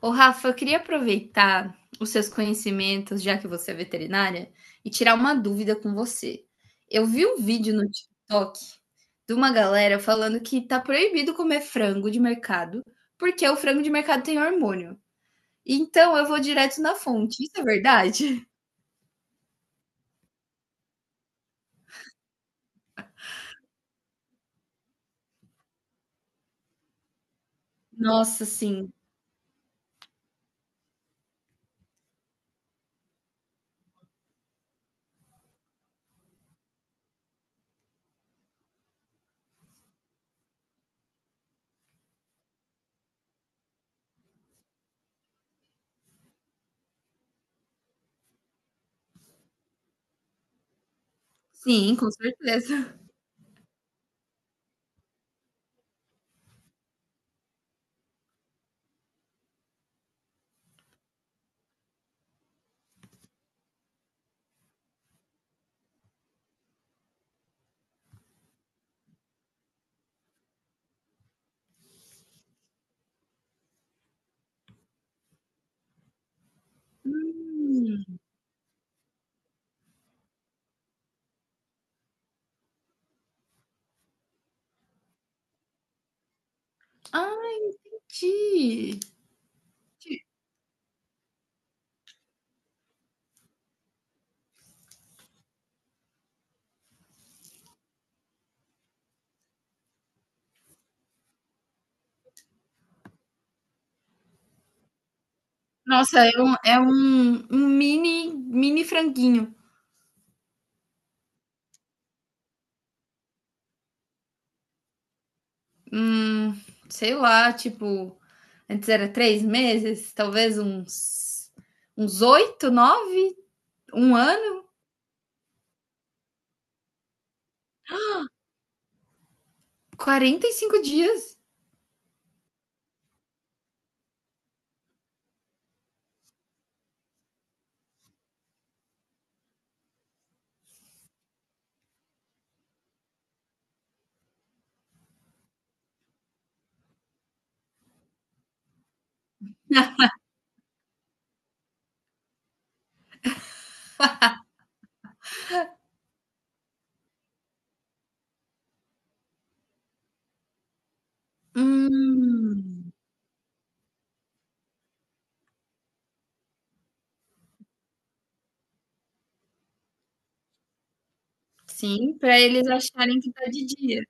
Ô, Rafa, eu queria aproveitar os seus conhecimentos, já que você é veterinária, e tirar uma dúvida com você. Eu vi um vídeo no TikTok de uma galera falando que tá proibido comer frango de mercado, porque o frango de mercado tem hormônio. Então eu vou direto na fonte. Isso é verdade? Nossa, sim. Sim, com certeza. Hum. Ah, ti. Nossa, um mini, mini franguinho. Hum, Sei lá, tipo, antes era três meses, talvez uns oito, nove, um ano, 45 dias. Hum, sim, para eles acharem que tá de dia.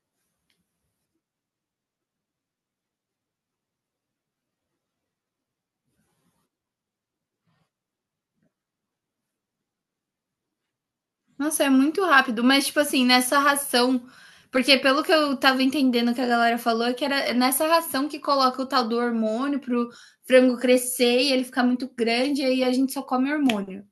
Nossa, é muito rápido, mas tipo assim, nessa ração, porque pelo que eu tava entendendo que a galera falou, é que era nessa ração que coloca o tal do hormônio pro frango crescer e ele ficar muito grande, e aí a gente só come hormônio.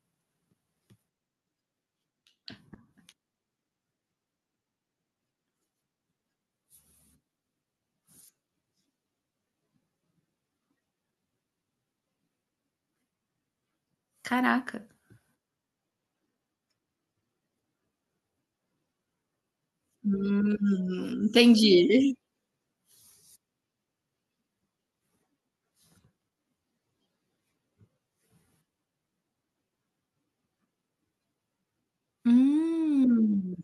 Caraca. Entendi. Hum.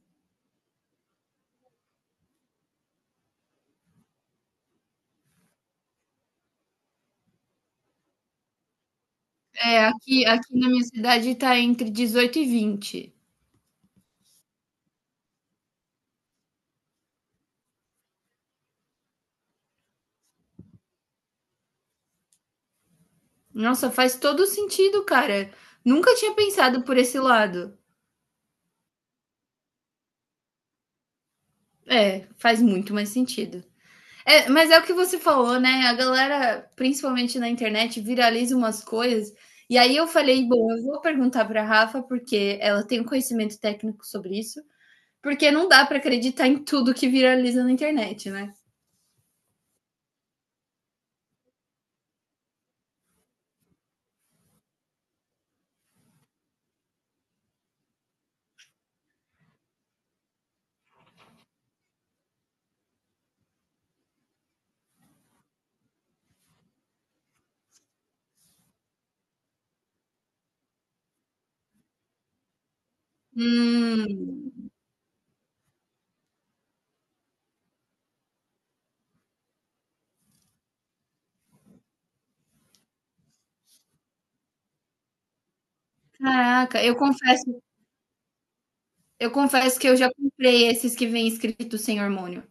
É, aqui na minha cidade tá entre 18 e 20. Nossa, faz todo sentido, cara. Nunca tinha pensado por esse lado. É, faz muito mais sentido. É, mas é o que você falou, né, a galera, principalmente na internet, viraliza umas coisas, e aí eu falei: "Bom, eu vou perguntar para Rafa, porque ela tem um conhecimento técnico sobre isso, porque não dá para acreditar em tudo que viraliza na internet, né". Hum. Caraca, eu confesso que eu já comprei esses que vem escrito sem hormônio.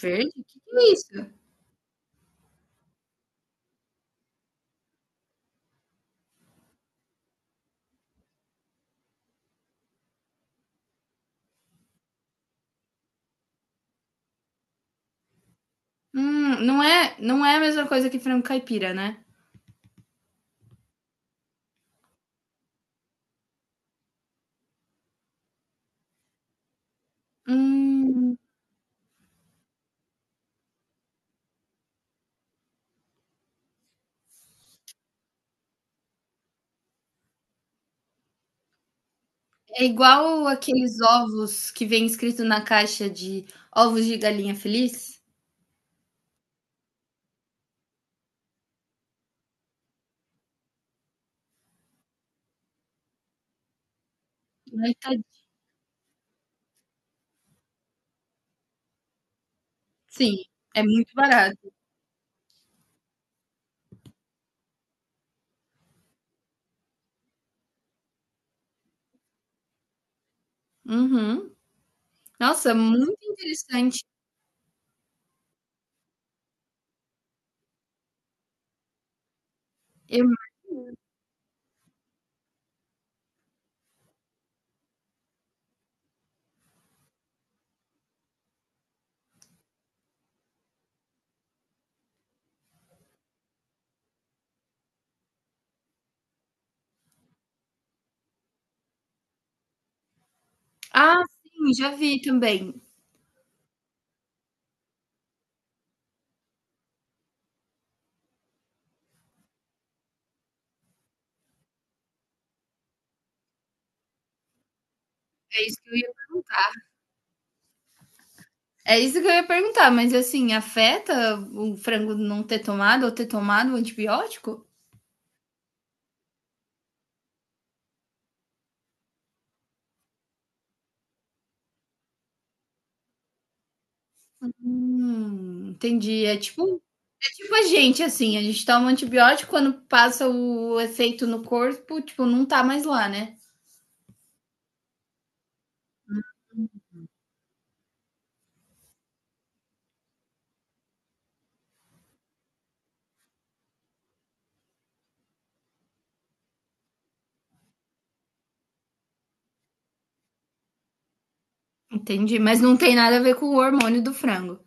Verde? O que, que é isso? Não é a mesma coisa que frango caipira, né? Hum, É igual aqueles ovos que vem escrito na caixa de ovos de galinha feliz? Aí tá- Sim, é muito barato. Uhum. Nossa, muito interessante. Eu- Ah, sim, já vi também. É isso que eu ia... É isso que eu ia perguntar, mas assim, afeta o frango não ter tomado ou ter tomado o antibiótico? Entendi. É tipo a gente toma antibiótico, quando passa o efeito no corpo, tipo, não tá mais lá, né? Entendi, mas não tem nada a ver com o hormônio do frango.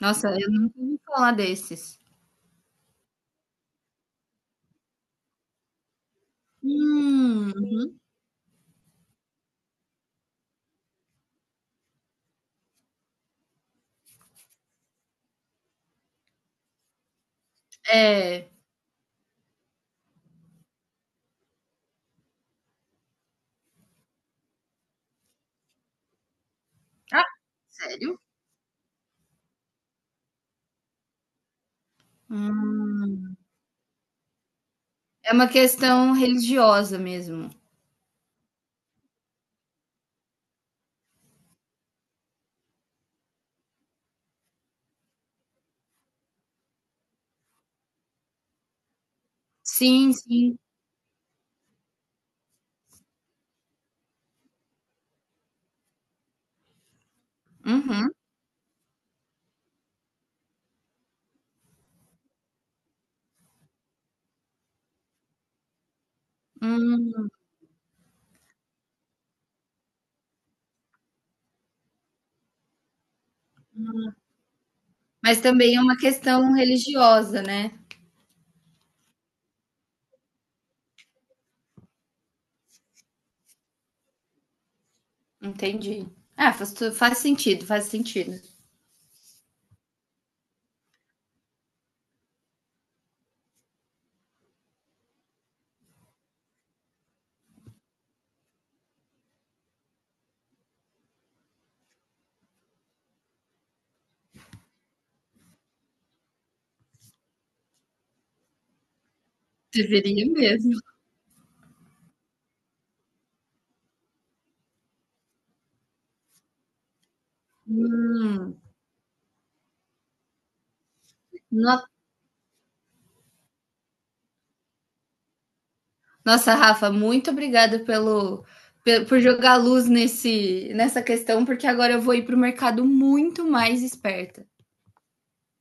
Nossa, eu nunca ouvi falar desses. Hum, é. Ah, sério? Hum, É uma questão religiosa mesmo. Sim, sim. Uhum, hum. Mas também é uma questão religiosa, né? Entendi. Ah, faz sentido, faz sentido. Deveria mesmo. Hum. No- Nossa, Rafa, muito obrigada por jogar luz nessa questão, porque agora eu vou ir para o mercado muito mais esperta.